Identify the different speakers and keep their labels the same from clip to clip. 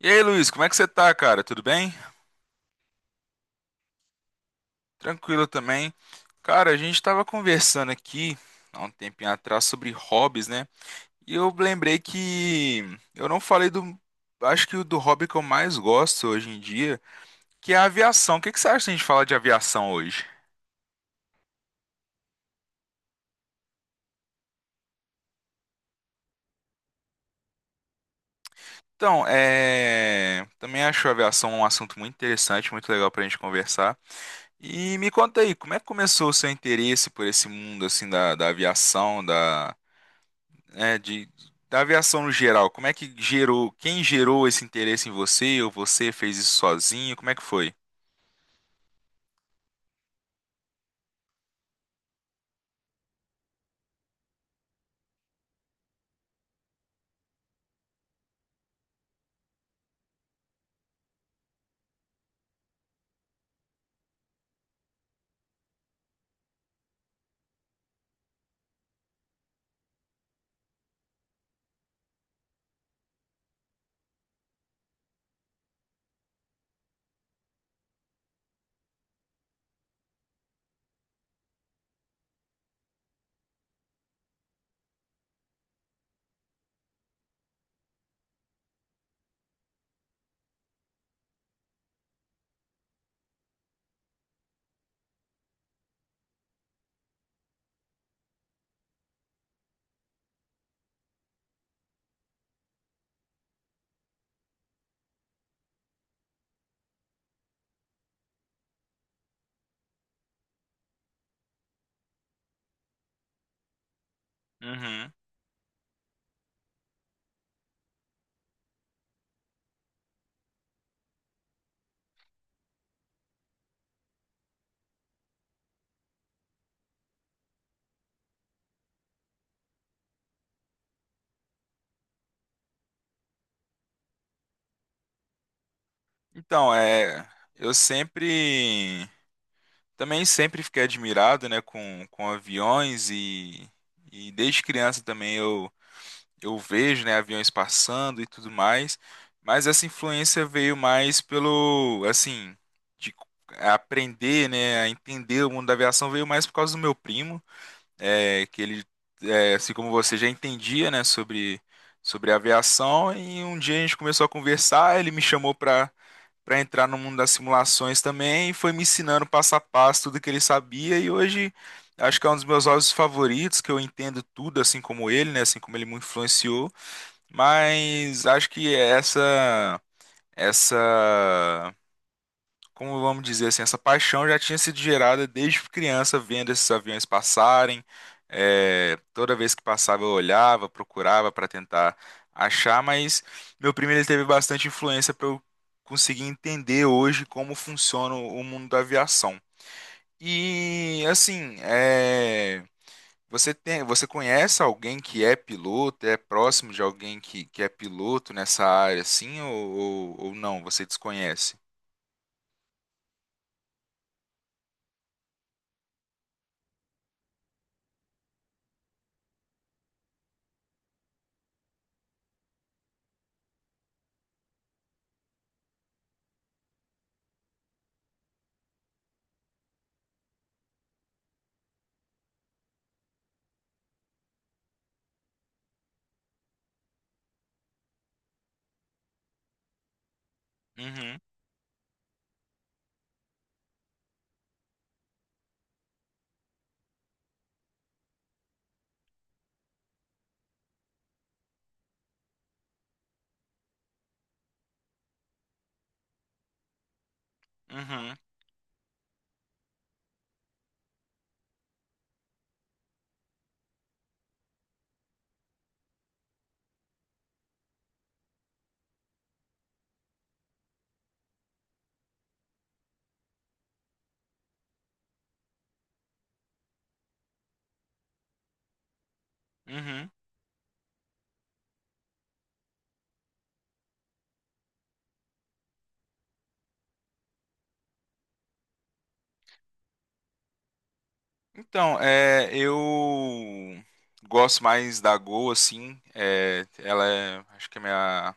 Speaker 1: E aí, Luiz, como é que você tá, cara? Tudo bem? Tranquilo também. Cara, a gente tava conversando aqui há um tempinho atrás sobre hobbies, né? E eu lembrei que eu não falei do. Acho que o do hobby que eu mais gosto hoje em dia, que é a aviação. O que que você acha se a gente falar de aviação hoje? Então, é. Também acho a aviação um assunto muito interessante, muito legal pra gente conversar. E me conta aí, como é que começou o seu interesse por esse mundo, assim, da aviação, é, de, da aviação no geral, como é que gerou, quem gerou esse interesse em você, ou você fez isso sozinho, como é que foi? Uhum. Então, eu sempre, também sempre fiquei admirado, né, com aviões e, desde criança também eu vejo, né, aviões passando e tudo mais, mas essa influência veio mais pelo, assim, de aprender, né, a entender o mundo da aviação veio mais por causa do meu primo, é, que ele, assim como você já entendia, né, sobre aviação, e um dia a gente começou a conversar, ele me chamou para entrar no mundo das simulações também, e foi me ensinando passo a passo tudo que ele sabia, e hoje acho que é um dos meus hobbies favoritos, que eu entendo tudo, assim como ele, né, assim como ele me influenciou, mas acho que essa, como vamos dizer assim, essa paixão já tinha sido gerada desde criança, vendo esses aviões passarem. É, toda vez que passava, eu olhava, procurava para tentar achar, mas meu primo ele teve bastante influência para eu conseguir entender hoje como funciona o mundo da aviação. E assim, você conhece alguém que é piloto, é próximo de alguém que é piloto nessa área, assim, ou não? Você desconhece? Uhum, uhum, uhum. Então, eu gosto mais da Gol, assim. Acho que é minha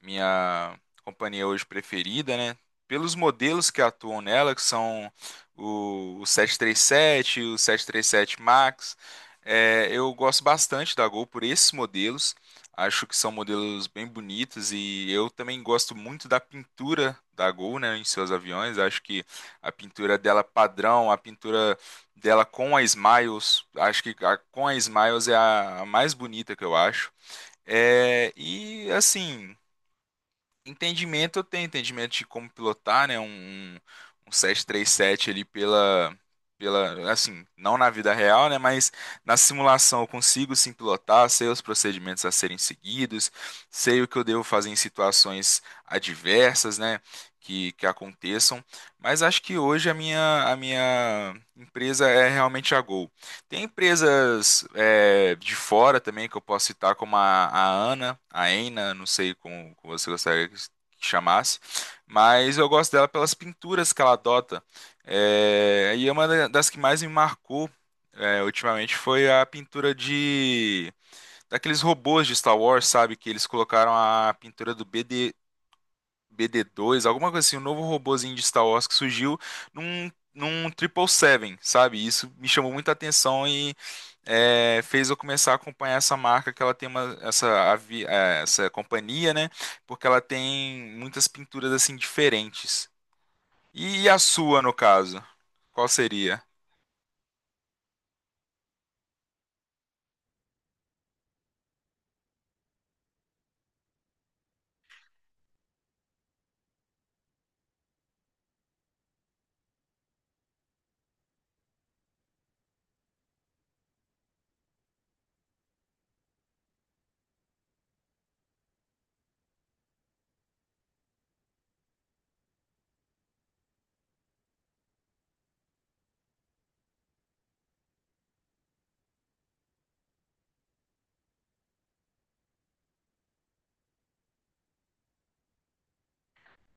Speaker 1: minha companhia hoje preferida, né? Pelos modelos que atuam nela, que são o 737, o 737 Max, eu gosto bastante da Gol por esses modelos. Acho que são modelos bem bonitos e eu também gosto muito da pintura da Gol, né, em seus aviões. Acho que a pintura dela padrão, a pintura dela com a Smiles, acho que com a Smiles é a mais bonita que eu acho. É, e assim, Entendimento, eu tenho entendimento de como pilotar, né? Um 737 ali assim, não na vida real, né? Mas na simulação eu consigo sim pilotar, sei os procedimentos a serem seguidos, sei o que eu devo fazer em situações adversas, né? Que aconteçam. Mas acho que hoje a minha empresa é realmente a Gol. Tem empresas de fora também que eu posso citar, como a Ana, a Ena, não sei como você gostaria que chamasse, mas eu gosto dela pelas pinturas que ela adota. É, e é uma das que mais me marcou ultimamente foi a pintura de daqueles robôs de Star Wars, sabe? Que eles colocaram a pintura do BD, BD2, alguma coisa assim, um novo robozinho de Star Wars que surgiu num Triple Seven, sabe? Isso me chamou muita atenção e fez eu começar a acompanhar essa marca, que ela tem uma, essa, avi- eh, essa companhia, né? Porque ela tem muitas pinturas assim diferentes. E a sua, no caso? Qual seria?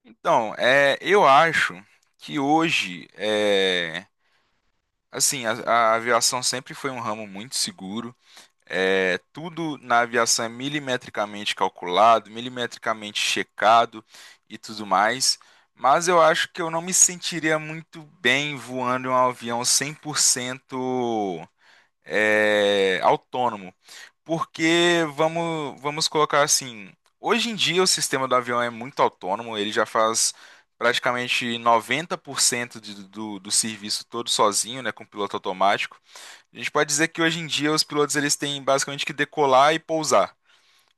Speaker 1: Então, eu acho que hoje, assim, a aviação sempre foi um ramo muito seguro. Tudo na aviação é milimetricamente calculado, milimetricamente checado e tudo mais. Mas eu acho que eu não me sentiria muito bem voando em um avião 100% autônomo. Porque vamos colocar assim, hoje em dia o sistema do avião é muito autônomo, ele já faz praticamente 90% do serviço todo sozinho, né, com piloto automático. A gente pode dizer que hoje em dia os pilotos eles têm basicamente que decolar e pousar.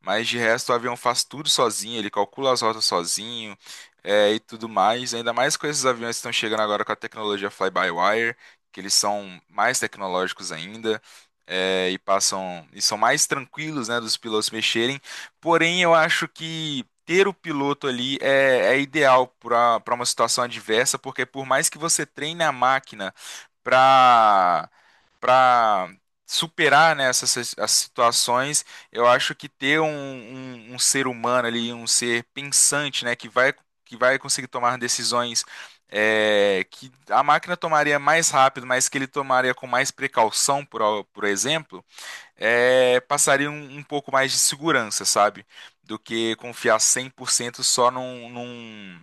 Speaker 1: Mas de resto, o avião faz tudo sozinho, ele calcula as rotas sozinho, e tudo mais. Ainda mais com esses aviões que estão chegando agora com a tecnologia fly-by-wire, que eles são mais tecnológicos ainda, e passam e são mais tranquilos, né, dos pilotos mexerem. Porém, eu acho que ter o piloto ali é ideal para uma situação adversa, porque por mais que você treine a máquina para para superar, né, essas situações eu acho que ter um ser humano ali, um ser pensante, né, que vai conseguir tomar decisões que a máquina tomaria mais rápido, mas que ele tomaria com mais precaução, por exemplo, passaria um pouco mais de segurança, sabe? Do que confiar 100% só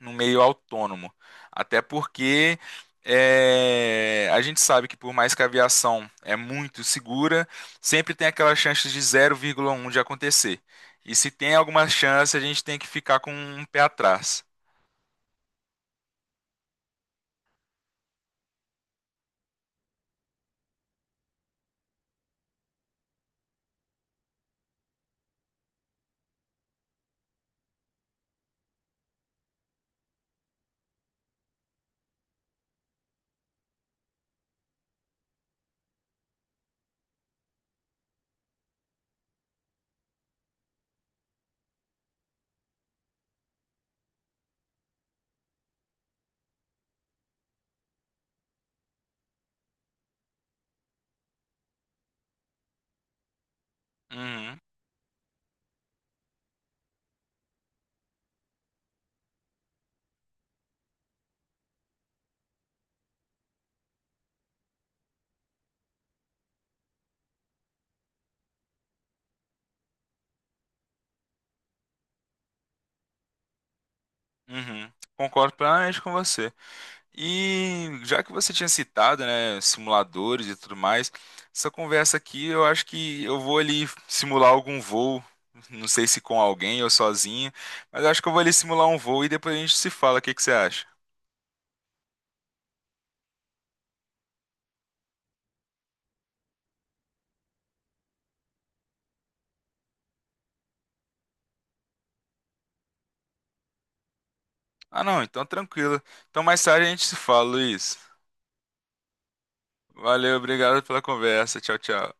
Speaker 1: no meio autônomo. Até porque a gente sabe que por mais que a aviação é muito segura, sempre tem aquela chance de 0,1 de acontecer. E se tem alguma chance, a gente tem que ficar com um pé atrás. Uhum, uhum. Concordo plenamente com você. E já que você tinha citado, né, simuladores e tudo mais, essa conversa aqui eu acho que eu vou ali simular algum voo, não sei se com alguém ou sozinho, mas eu acho que eu vou ali simular um voo e depois a gente se fala, o que que você acha? Ah, não, então tranquilo. Então mais tarde a gente se fala, Luiz. Valeu, obrigado pela conversa. Tchau, tchau.